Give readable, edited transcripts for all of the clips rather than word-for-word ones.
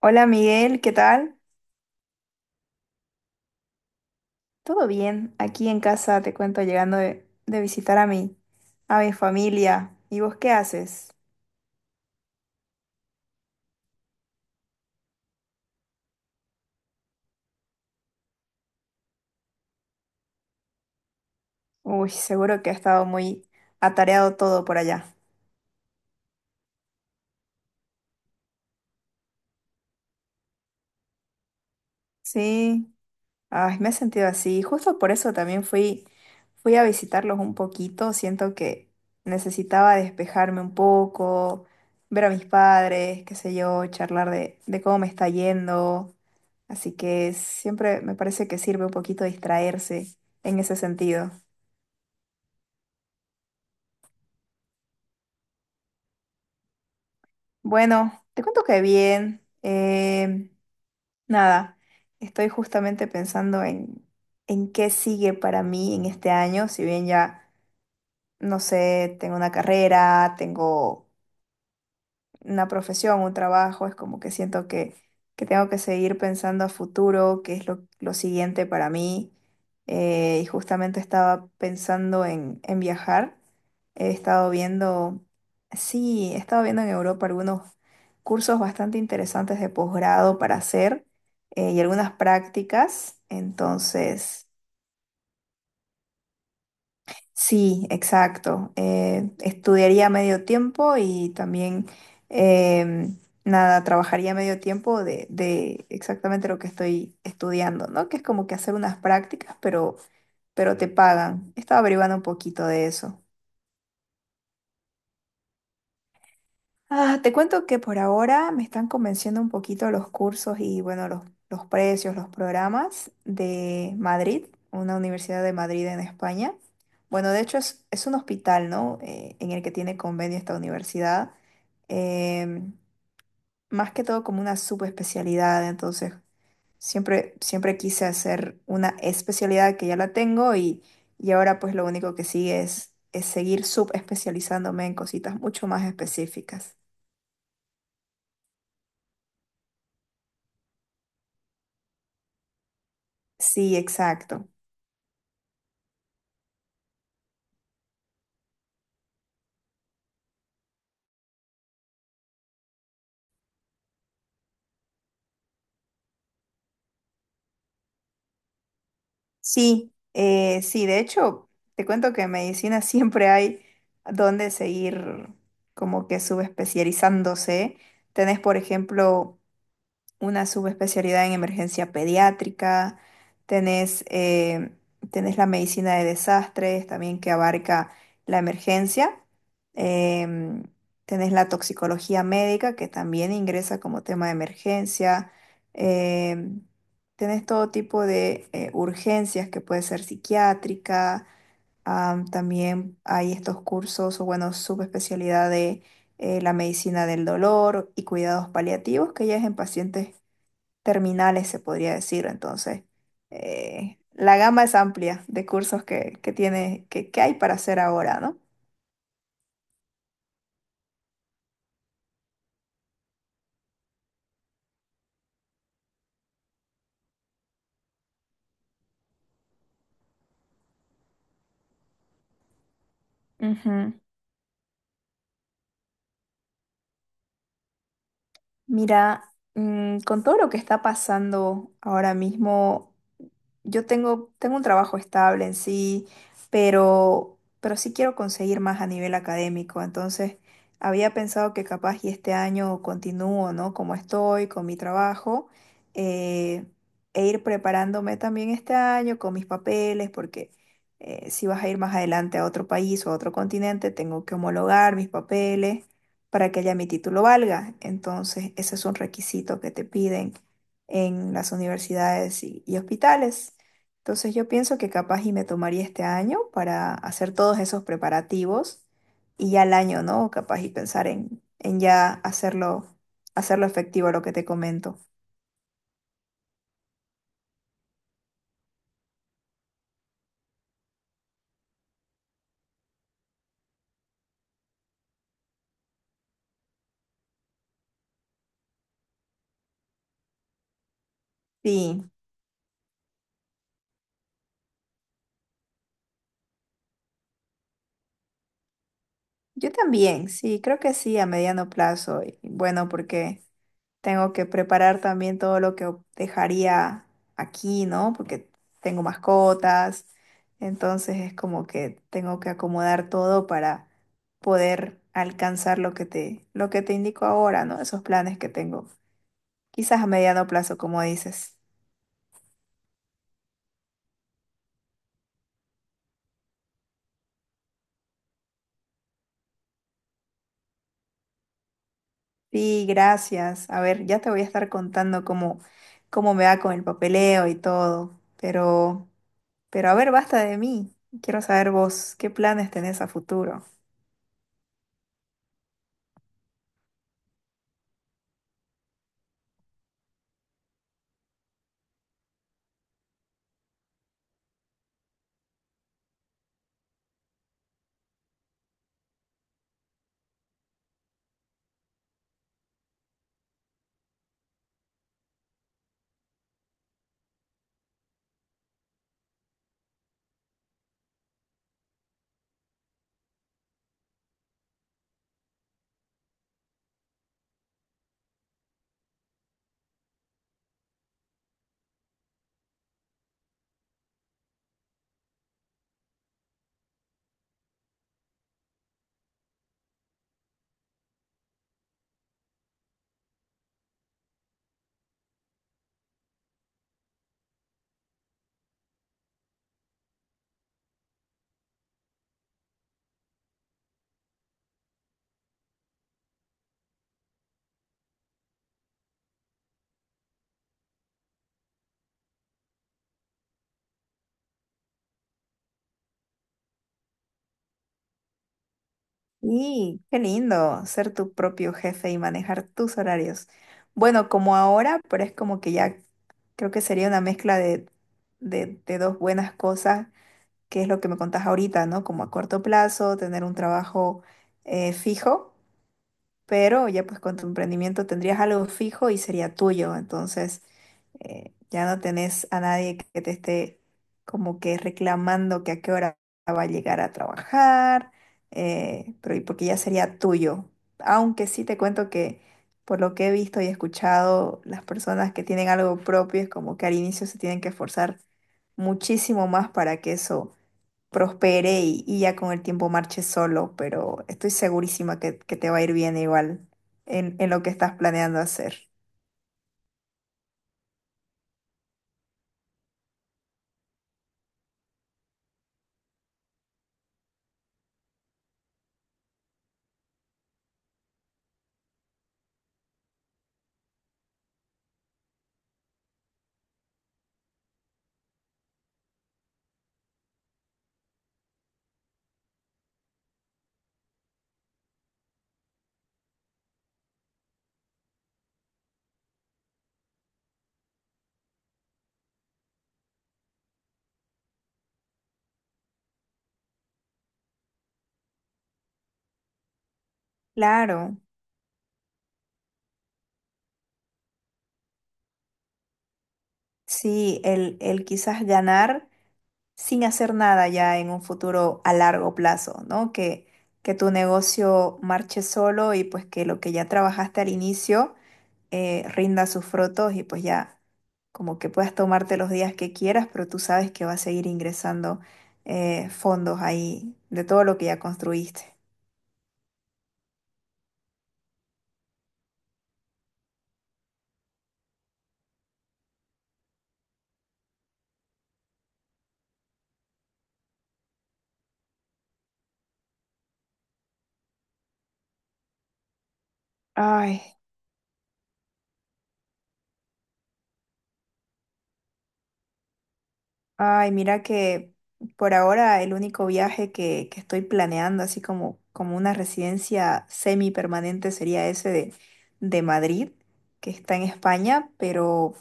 Hola Miguel, ¿qué tal? ¿Todo bien? Aquí en casa te cuento llegando de visitar a mi familia. ¿Y vos qué haces? Uy, seguro que ha estado muy atareado todo por allá. Sí, ay, me he sentido así. Justo por eso también fui a visitarlos un poquito. Siento que necesitaba despejarme un poco, ver a mis padres, qué sé yo, charlar de cómo me está yendo. Así que siempre me parece que sirve un poquito distraerse en ese sentido. Bueno, te cuento que bien. Nada, estoy justamente pensando en qué sigue para mí en este año, si bien ya, no sé, tengo una carrera, tengo una profesión, un trabajo, es como que que tengo que seguir pensando a futuro, qué es lo siguiente para mí. Y justamente estaba pensando en viajar. He estado viendo, sí, he estado viendo en Europa algunos cursos bastante interesantes de posgrado para hacer, y algunas prácticas. Entonces... Sí, exacto. Estudiaría medio tiempo y también, em, nada, trabajaría medio tiempo de exactamente lo que estoy estudiando, ¿no? Que es como que hacer unas prácticas, pero te pagan. Estaba averiguando un poquito de eso. Ah, te cuento que por ahora me están convenciendo un poquito los cursos y bueno, los precios, los programas de Madrid, una universidad de Madrid en España. Bueno, de hecho es un hospital, ¿no? En el que tiene convenio esta universidad. em, Más que todo como una subespecialidad, entonces siempre quise hacer una especialidad que ya la tengo y ahora pues lo único que sigue es seguir subespecializándome en cositas mucho más específicas. Sí, exacto. Sí, sí, de hecho, te cuento que en medicina siempre hay donde seguir como que subespecializándose. Tenés, por ejemplo, una subespecialidad en emergencia pediátrica, tenés, tenés la medicina de desastres también que abarca la emergencia, em, tenés la toxicología médica que también ingresa como tema de emergencia, em, tenés todo tipo de urgencias que puede ser psiquiátrica, también hay estos cursos o bueno, subespecialidad de la medicina del dolor y cuidados paliativos, que ya es en pacientes terminales, se podría decir. Entonces, la gama es amplia de cursos que tiene, que hay para hacer ahora, ¿no? Ujú. Mira, mm, con todo lo que está pasando ahora mismo. Yo tengo un trabajo estable en sí, pero sí quiero conseguir más a nivel académico. Entonces, había pensado que capaz y este año continúo, ¿no? Como estoy con mi trabajo, eh, e ir preparándome también este año con mis papeles, porque si vas a ir más adelante a otro país o a otro continente, tengo que homologar mis papeles para que ya mi título valga. Entonces, ese es un requisito que te piden en las universidades y hospitales. Entonces yo pienso que capaz y me tomaría este año para hacer todos esos preparativos y ya el año, ¿no? Capaz y pensar en ya hacerlo, hacerlo efectivo lo que te comento. Sí. Yo también, sí, creo que sí, a mediano plazo. Y bueno, porque tengo que preparar también todo lo que dejaría aquí, ¿no? Porque tengo mascotas, entonces es como que tengo que acomodar todo para poder alcanzar lo que lo que te indico ahora, ¿no? Esos planes que tengo. Quizás a mediano plazo, como dices. Sí, gracias. A ver, ya te voy a estar contando cómo me va con el papeleo y todo, pero... Pero a ver, basta de mí. Quiero saber vos, ¿qué planes tenés a futuro? Y qué lindo ser tu propio jefe y manejar tus horarios. Bueno, como ahora, pero es como que ya creo que sería una mezcla de dos buenas cosas, que es lo que me contás ahorita, ¿no? Como a corto plazo, tener un trabajo fijo, pero ya pues con tu emprendimiento tendrías algo fijo y sería tuyo, entonces ya no tenés a nadie que te esté como que reclamando que a qué hora va a llegar a trabajar, pero y porque ya sería tuyo, aunque sí te cuento que por lo que he visto y escuchado, las personas que tienen algo propio es como que al inicio se tienen que esforzar muchísimo más para que eso prospere y ya con el tiempo marche solo, pero estoy segurísima que te va a ir bien igual en lo que estás planeando hacer. Claro, sí, el quizás ganar sin hacer nada ya en un futuro a largo plazo, ¿no? Que tu negocio marche solo y pues que lo que ya trabajaste al inicio rinda sus frutos y pues ya como que puedas tomarte los días que quieras, pero tú sabes que va a seguir ingresando fondos ahí de todo lo que ya construiste. Ay. Ay, mira que por ahora el único viaje que estoy planeando, así como, como una residencia semipermanente, sería ese de Madrid, que está en España, pero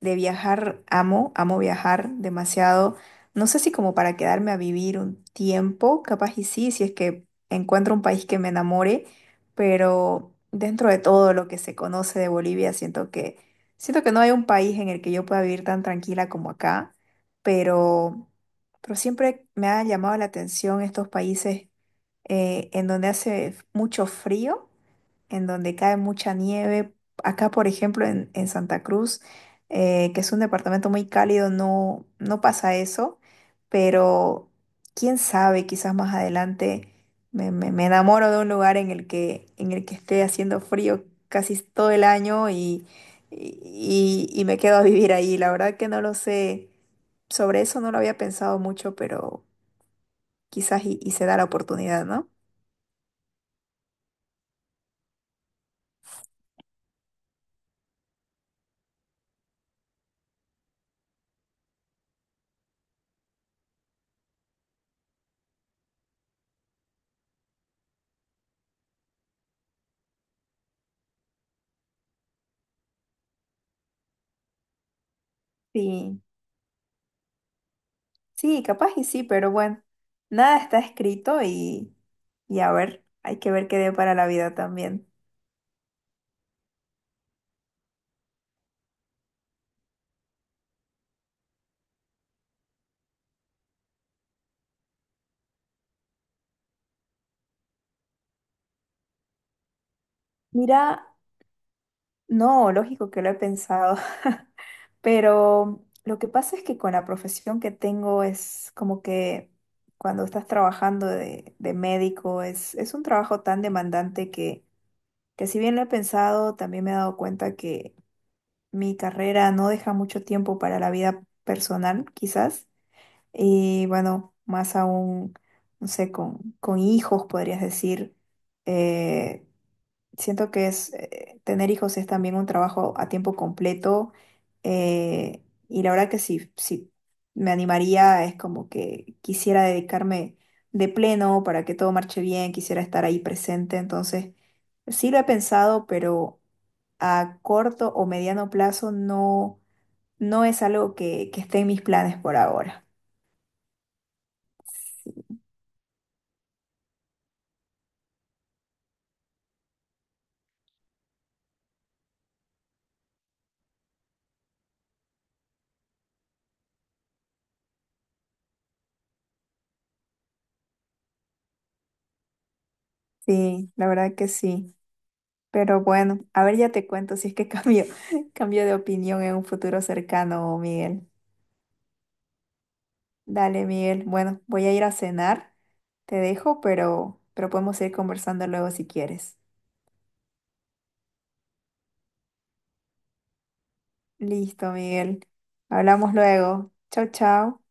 de viajar amo, amo viajar demasiado. No sé si como para quedarme a vivir un tiempo, capaz y sí, si es que encuentro un país que me enamore, pero dentro de todo lo que se conoce de Bolivia, siento que no hay un país en el que yo pueda vivir tan tranquila como acá, pero, pero siempre me ha llamado la atención estos países en donde hace mucho frío, en donde cae mucha nieve. Acá, por ejemplo, en Santa Cruz, que es un departamento muy cálido, no, no pasa eso, pero quién sabe, quizás más adelante me enamoro de un lugar en el en el que esté haciendo frío casi todo el año y me quedo a vivir ahí. La verdad que no lo sé. Sobre eso no lo había pensado mucho, pero quizás y se da la oportunidad, ¿no? Sí. Sí, capaz y sí, pero bueno, nada está escrito y a ver, hay que ver qué dé para la vida también. Mira, no, lógico que lo he pensado, pero lo que pasa es que con la profesión que tengo es como que cuando estás trabajando de médico es un trabajo tan demandante que si bien lo he pensado, también me he dado cuenta que mi carrera no deja mucho tiempo para la vida personal, quizás. Y bueno, más aún, no sé, con hijos, podrías decir. Eh, Siento que es, tener hijos es también un trabajo a tiempo completo. eh, y la verdad que si me animaría, es como que quisiera dedicarme de pleno para que todo marche bien, quisiera estar ahí presente. Entonces, sí lo he pensado, pero a corto o mediano plazo no, no es algo que esté en mis planes por ahora. Sí, la verdad que sí. Pero bueno, a ver, ya te cuento si es que cambio, cambio de opinión en un futuro cercano, Miguel. Dale, Miguel. Bueno, voy a ir a cenar. Te dejo, pero podemos ir conversando luego si quieres. Listo, Miguel. Hablamos luego. Chao, chao.